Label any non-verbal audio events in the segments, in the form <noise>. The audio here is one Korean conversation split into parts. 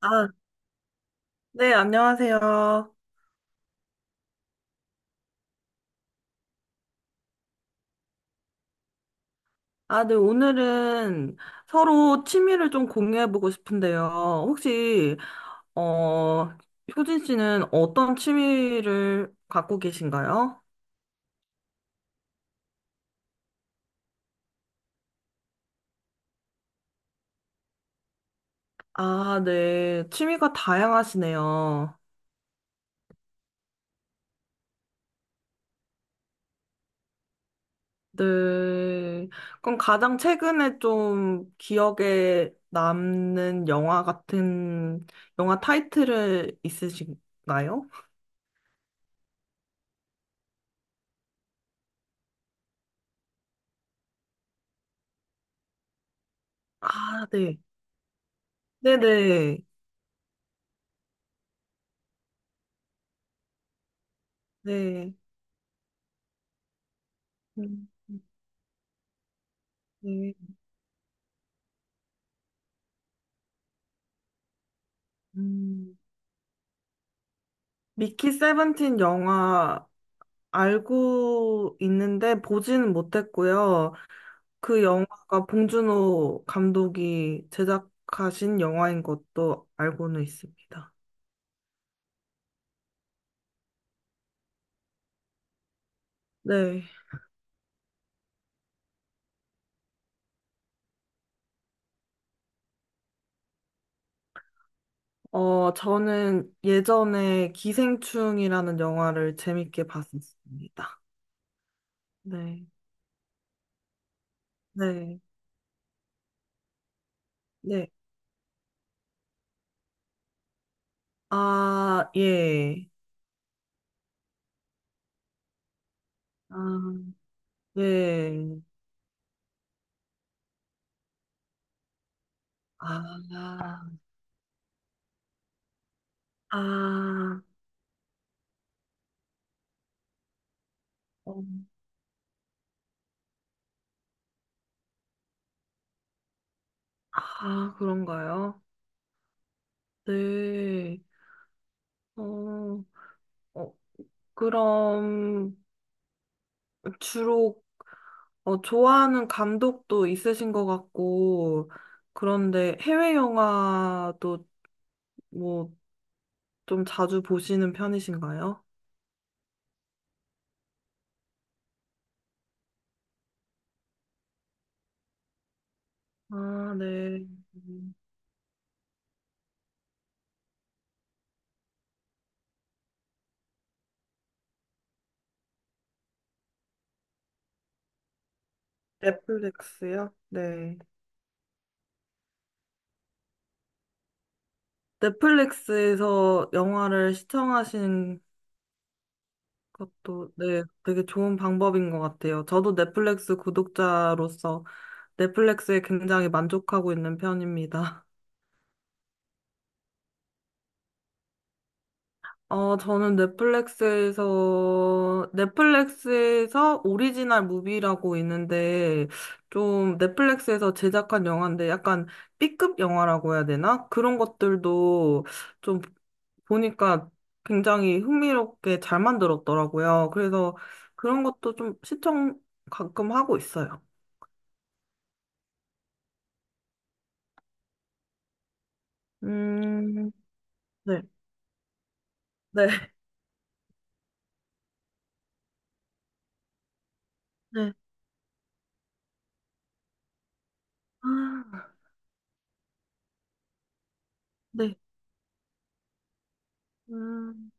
아, 네, 안녕하세요. 아, 네, 오늘은 서로 취미를 좀 공유해보고 싶은데요. 혹시, 어, 효진 씨는 어떤 취미를 갖고 계신가요? 아, 네, 취미가 다양하시네요. 네, 그럼 가장 최근에 좀 기억에 남는 영화 같은, 영화 타이틀을 있으신가요? 아, 네. 네네. 네. 음. 네. 음. 미키 세븐틴 영화 알고 있는데 보지는 못했고요. 그 영화가 봉준호 감독이 제작하신 영화인 것도 알고는 있습니다. 네. 어, 저는 예전에 기생충이라는 영화를 재밌게 봤었습니다. 네. 네. 네. 아, 예. 아, 예. 아, 아. 어, 아, 그런가요? 네. 어, 어, 그럼 주로 어, 좋아하는 감독도 있으신 것 같고, 그런데 해외 영화도 뭐 좀 자주 보시는 편이신가요? 아, 네. 음, 넷플릭스요? 네. 넷플릭스에서 영화를 시청하시는 것도 네, 되게 좋은 방법인 것 같아요. 저도 넷플릭스 구독자로서 넷플릭스에 굉장히 만족하고 있는 편입니다. <laughs> 어, 저는 넷플릭스에서 오리지널 무비라고 있는데, 좀 넷플릭스에서 제작한 영화인데 약간 B급 영화라고 해야 되나? 그런 것들도 좀 보니까 굉장히 흥미롭게 잘 만들었더라고요. 그래서 그런 것도 좀 시청 가끔 하고 있어요. 음, 네, 네, 네. 아, 네. 음.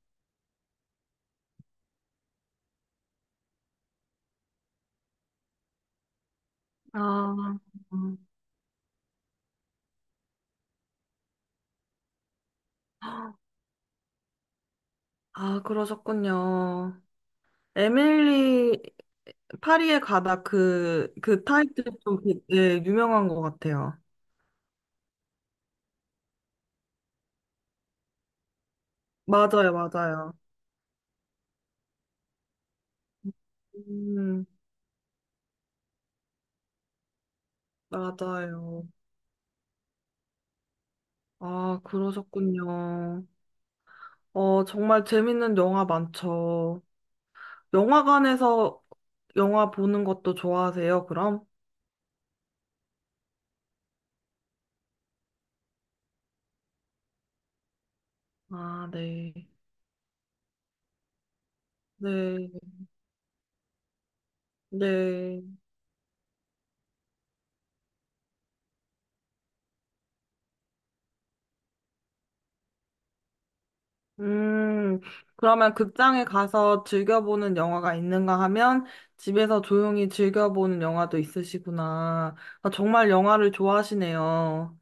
아, 그러셨군요. 에밀리 파리에 가다 그 타이틀 좀 네, 유명한 것 같아요. 맞아요, 맞아요. 음, 맞아요. 아, 그러셨군요. 어, 정말 재밌는 영화 많죠. 영화관에서 영화 보는 것도 좋아하세요, 그럼? 아, 네. 네, 네. 음, 그러면 극장에 가서 즐겨보는 영화가 있는가 하면 집에서 조용히 즐겨보는 영화도 있으시구나. 아, 정말 영화를 좋아하시네요.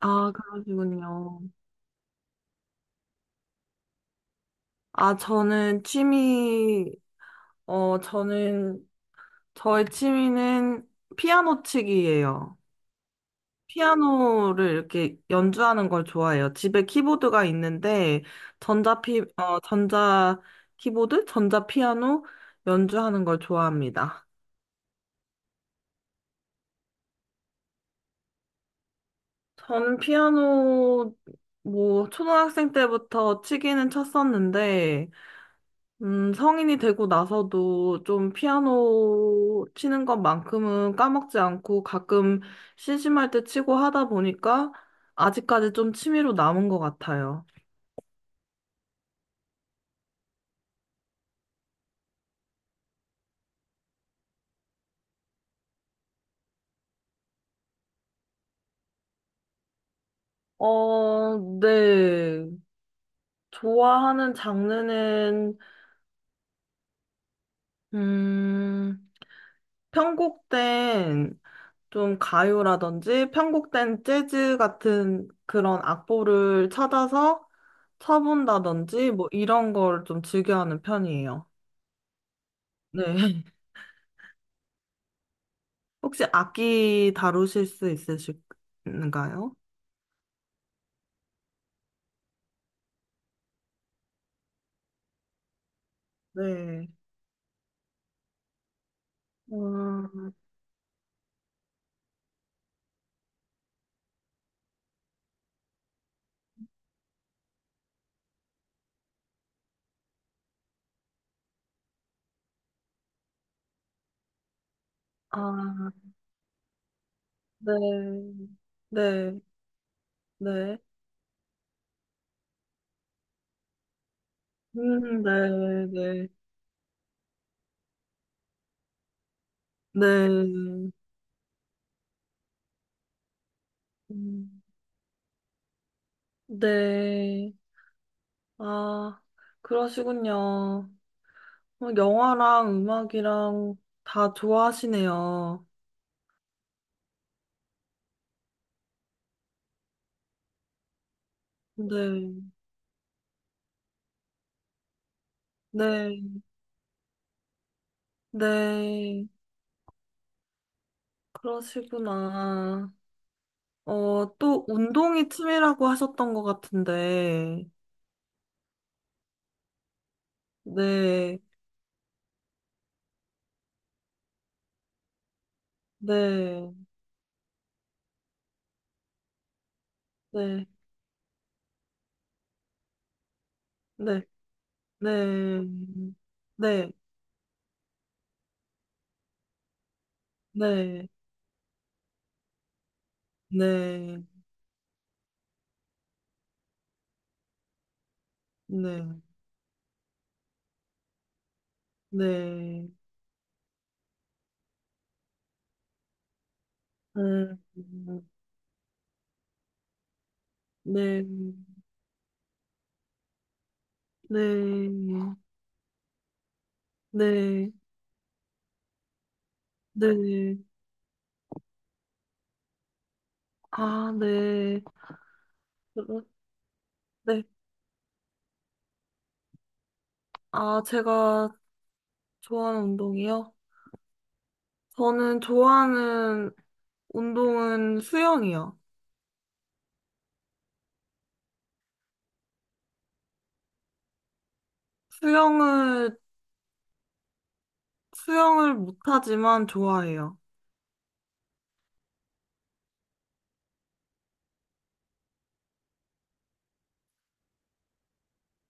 아, 그러시군요. 아, 저는 취미, 어, 저는, 저의 취미는 피아노 치기예요. 피아노를 이렇게 연주하는 걸 좋아해요. 집에 키보드가 있는데, 어, 전자 키보드? 전자 피아노? 연주하는 걸 좋아합니다. 전 피아노 뭐 초등학생 때부터 치기는 쳤었는데 성인이 되고 나서도 좀 피아노 치는 것만큼은 까먹지 않고 가끔 심심할 때 치고 하다 보니까 아직까지 좀 취미로 남은 것 같아요. 어, 네. 좋아하는 장르는 음 편곡된 좀 가요라든지 편곡된 재즈 같은 그런 악보를 찾아서 쳐본다든지 뭐 이런 걸 좀 즐겨하는 편이에요. 네. <laughs> 혹시 악기 다루실 수 있으신가요? 네. 음, 아, 네. 네. 네. 네. 네. 네. 음, 네. 아, 그러시군요. 어, 영화랑 음악이랑 다 좋아하시네요. 네, 네, 네. 그러시구나. 어, 또 운동이 취미라고 하셨던 것 같은데. 네, 네, 네, 네, 네, 네, 네, 네, 네, 네, 음, 네, 네, 네, 네. 아, 네. 그러- 네. 아, 제가 좋아하는 운동이요? 저는 좋아하는 운동은 수영이요. 수영을, 수영을 못하지만 좋아해요.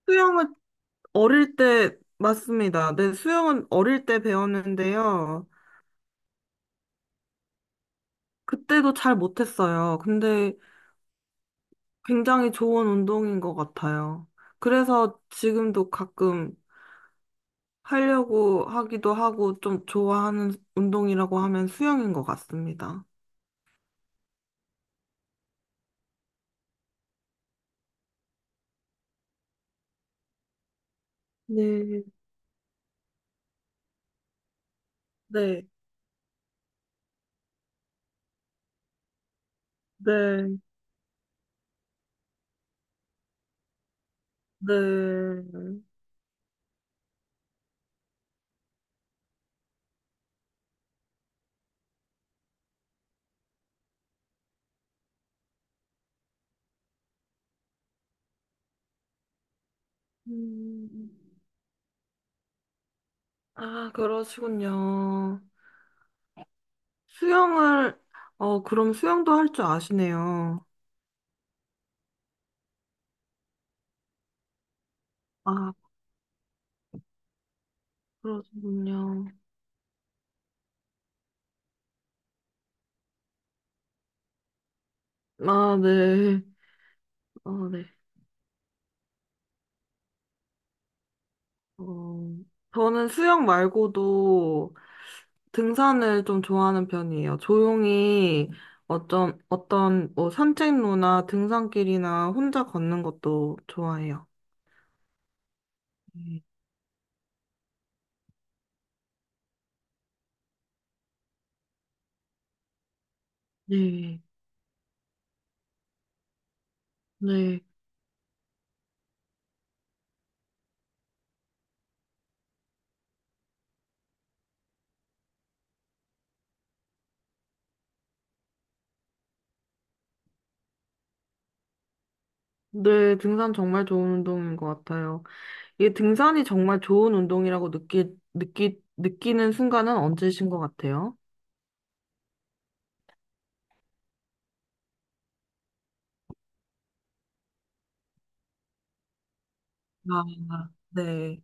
수영은 어릴 때, 맞습니다. 네, 수영은 어릴 때 배웠는데요. 그때도 잘 못했어요. 근데 굉장히 좋은 운동인 것 같아요. 그래서 지금도 가끔 하려고 하기도 하고 좀 좋아하는 운동이라고 하면 수영인 것 같습니다. 네. 네. 네, 네. 음, 아, 그러시군요. 수영을, 어, 그럼 수영도 할 줄 아시네요. 아, 그러시군요. 아, 네. 어, 네. 어, 저는 수영 말고도 등산을 좀 좋아하는 편이에요. 조용히 어떤, 뭐, 산책로나 등산길이나 혼자 걷는 것도 좋아해요. 네, 네. 네. 네, 등산 정말 좋은 운동인 것 같아요. 이게 등산이 정말 좋은 운동이라고 느끼는 순간은 언제신 것 같아요? 아, 네.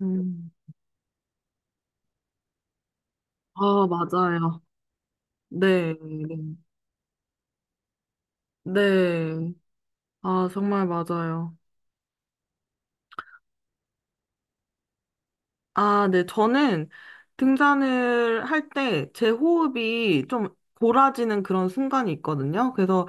음. 아, 맞아요. 네, 네. 네. 아, 정말 맞아요. 아, 네. 저는 등산을 할 때 제 호흡이 좀 골아지는 그런 순간이 있거든요. 그래서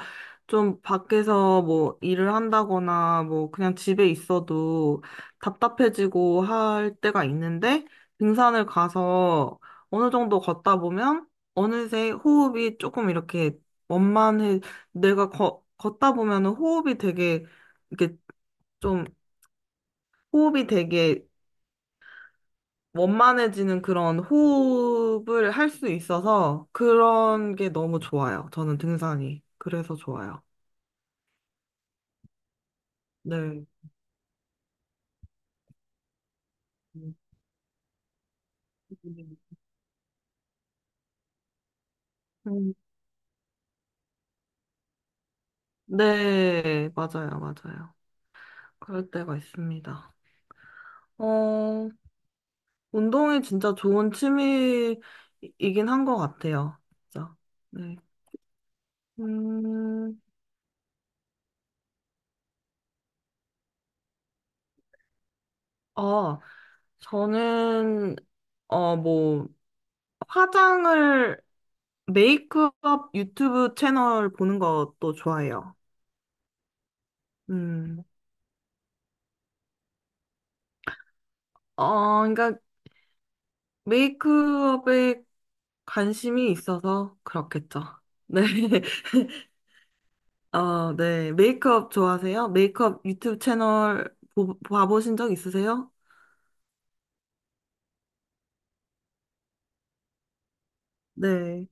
좀 밖에서 뭐 일을 한다거나 뭐 그냥 집에 있어도 답답해지고 할 때가 있는데 등산을 가서 어느 정도 걷다 보면 어느새 호흡이 조금 이렇게 원만해. 내가 걷 걷다 보면은 호흡이 되게 이렇게 좀 호흡이 되게 원만해지는 그런 호흡을 할 수 있어서 그런 게 너무 좋아요. 저는 등산이. 그래서 좋아요. 네. 음, 네, 맞아요, 맞아요. 그럴 때가 있습니다. 어, 운동이 진짜 좋은 취미이긴 한 것 같아요. 진짜. 네. 음, 어, 저는, 어, 뭐, 화장을, 메이크업 유튜브 채널 보는 것도 좋아해요. 음, 어, 그러니까 메이크업에 관심이 있어서 그렇겠죠. 네, <laughs> 어, 네, 메이크업 좋아하세요? 메이크업 유튜브 채널 봐보신 적 있으세요? 네,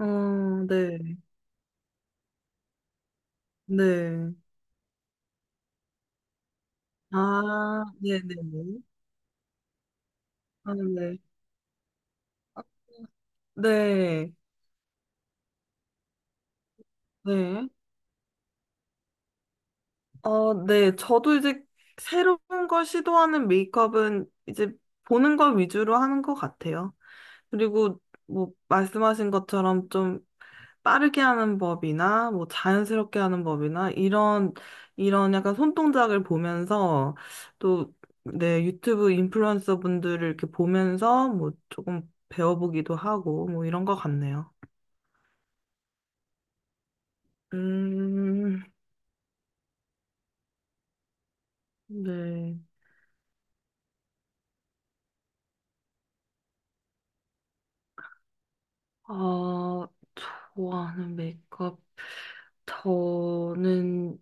어, 네, 네, 아, 네, 네, 네, 아, 네, 네, 네, 어, 네, 저도 이제 새로운 걸 시도하는 메이크업은 이제 보는 걸 위주로 하는 것 같아요. 그리고 뭐 말씀하신 것처럼 좀 빠르게 하는 법이나 뭐 자연스럽게 하는 법이나 이런 약간 손동작을 보면서 또 내 유튜브 인플루언서 분들을 이렇게 보면서 뭐 조금 배워보기도 하고 뭐 이런 것 같네요. 음, 네. 아, 좋아하는 메이크업 저는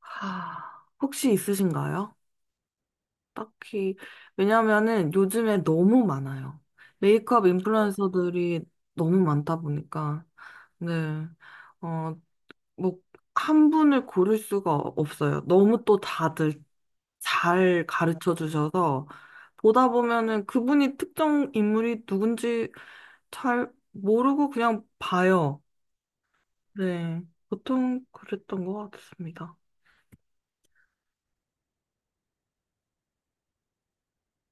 혹시 있으신가요? 딱히, 왜냐면은 요즘에 너무 많아요. 메이크업 인플루언서들이 너무 많다 보니까, 네, 어, 뭐, 한 분을 고를 수가 없어요. 너무 또 다들 잘 가르쳐 주셔서, 보다 보면은 그분이 특정 인물이 누군지 잘 모르고 그냥 봐요. 네, 보통 그랬던 것 같습니다.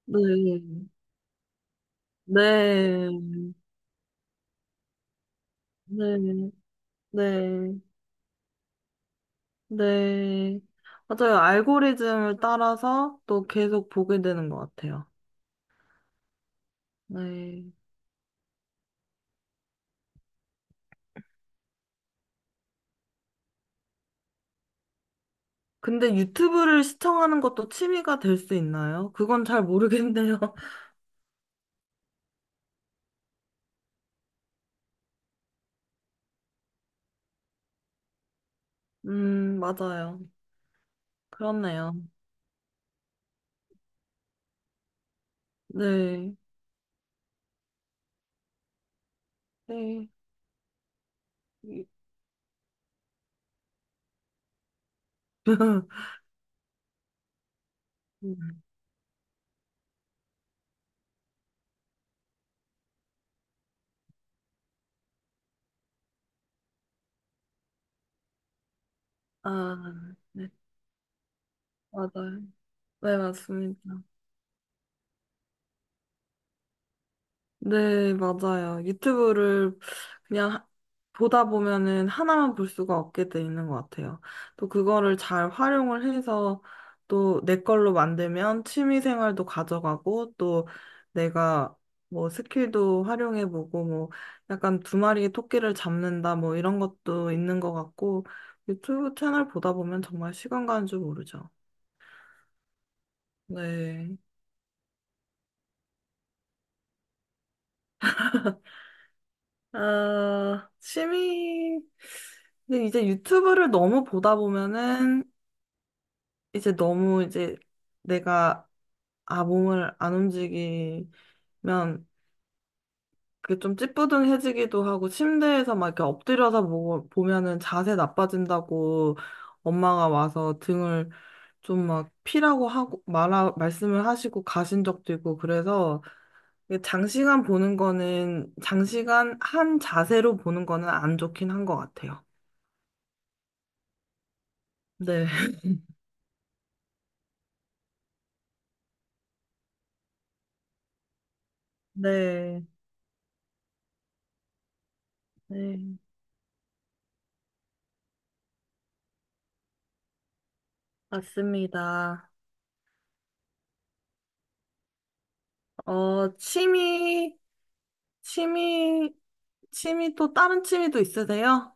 네, 네, 네, 네. 네. 맞아요. 알고리즘을 따라서 또 계속 보게 되는 것 같아요. 네. 근데 유튜브를 시청하는 것도 취미가 될 수 있나요? 그건 잘 모르겠네요. <laughs> 맞아요. 그렇네요. 네. 네. <laughs> 아, 네. 맞아요. 네, 맞습니다. 네, 맞아요. 유튜브를 그냥 하- 보다 보면은 하나만 볼 수가 없게 돼 있는 것 같아요. 또 그거를 잘 활용을 해서 또 내 걸로 만들면 취미 생활도 가져가고 또 내가 뭐 스킬도 활용해보고 뭐 약간 두 마리의 토끼를 잡는다 뭐 이런 것도 있는 것 같고 유튜브 채널 보다 보면 정말 시간 가는 줄 모르죠. 네. 아, 취미, 근데 이제 유튜브를 너무 보다 보면은 이제 너무 이제 내가 아, 몸을 안 움직이면 그게 좀 찌뿌둥해지기도 하고 침대에서 막 이렇게 엎드려서 보면은 자세 나빠진다고 엄마가 와서 등을 좀 막 피라고 하고 말씀을 하시고 가신 적도 있고 그래서 이게 장시간 보는 거는 장시간 한 자세로 보는 거는 안 좋긴 한 것 같아요. 네. 네, 네, 맞습니다. 어, 취미, 취미 또 다른 취미도 있으세요?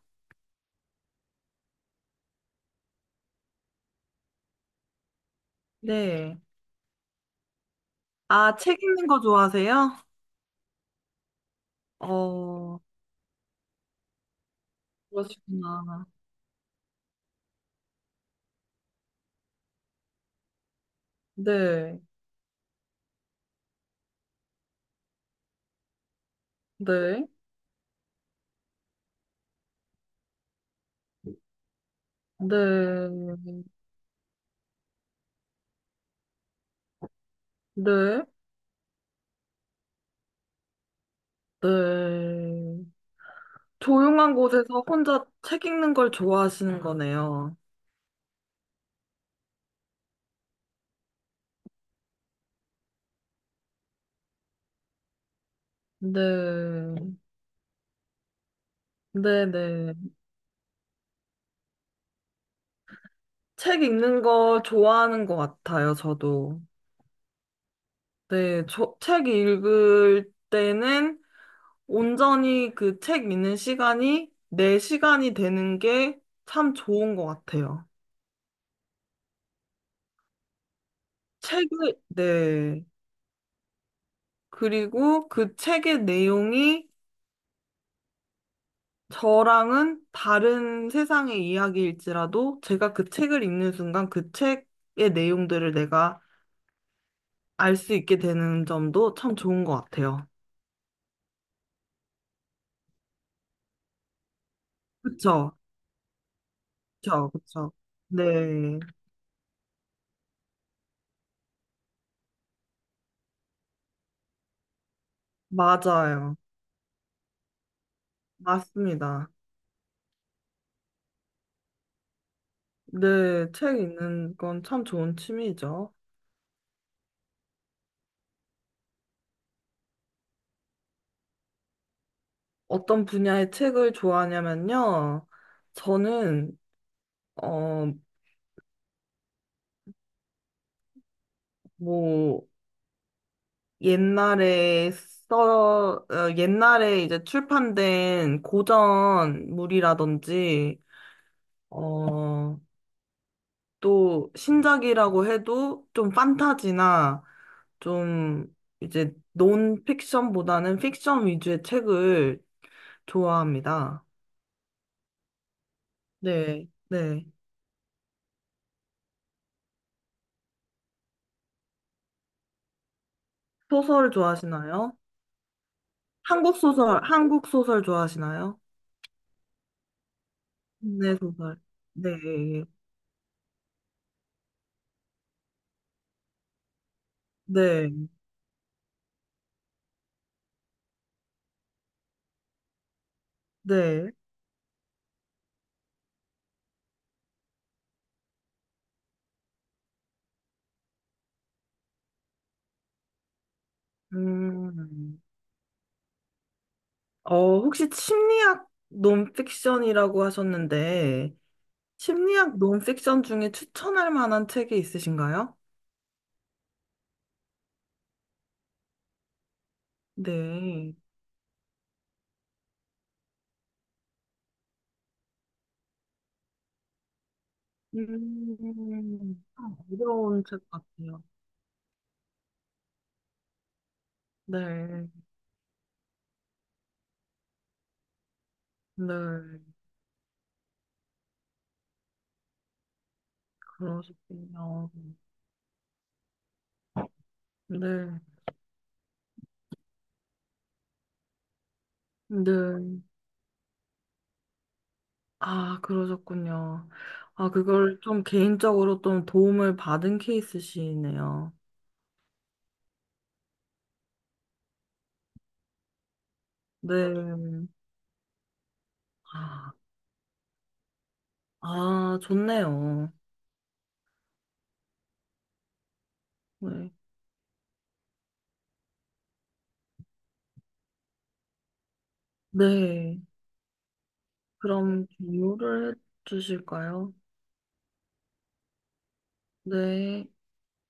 네. 아, 책 읽는 거 좋아하세요? 어, 그러시구나. 네, 네, 네, 네, 네. 조용한 곳에서 혼자 책 읽는 걸 좋아하시는 거네요. 네, 네, 네. 책 읽는 거 좋아하는 것 같아요, 저도. 네, 저, 책 읽을 때는 온전히 그 책 읽는 시간이 내 시간이 되는 게 참 좋은 것 같아요. 책을, 네. 그리고 그 책의 내용이 저랑은 다른 세상의 이야기일지라도 제가 그 책을 읽는 순간 그 책의 내용들을 내가 알 수 있게 되는 점도 참 좋은 것 같아요. 그쵸? 그쵸? 그쵸? 네. 맞아요. 맞습니다. 네, 책 읽는 건 참 좋은 취미죠. 어떤 분야의 책을 좋아하냐면요. 저는, 어, 뭐, 어, 옛날에 이제 출판된 고전물이라든지, 어, 또 신작이라고 해도 좀 판타지나 좀 이제 논픽션보다는 픽션 위주의 책을 좋아합니다. 네, 네. 소설 좋아하시나요? 한국 소설 좋아하시나요? 국내 소설. 네, 네, 네. 음, 어, 혹시 심리학 논픽션이라고 하셨는데, 심리학 논픽션 중에 추천할 만한 책이 있으신가요? 네. 참 어려운 책 같아요. 네, 네, 그러시군요. 네, 네. 아, 그러셨군요. 아, 그걸 좀 개인적으로 좀 도움을 받은 케이스시네요. 네. 아, 아, 좋네요. 네. 네. 그럼 공유를 해주실까요? 네.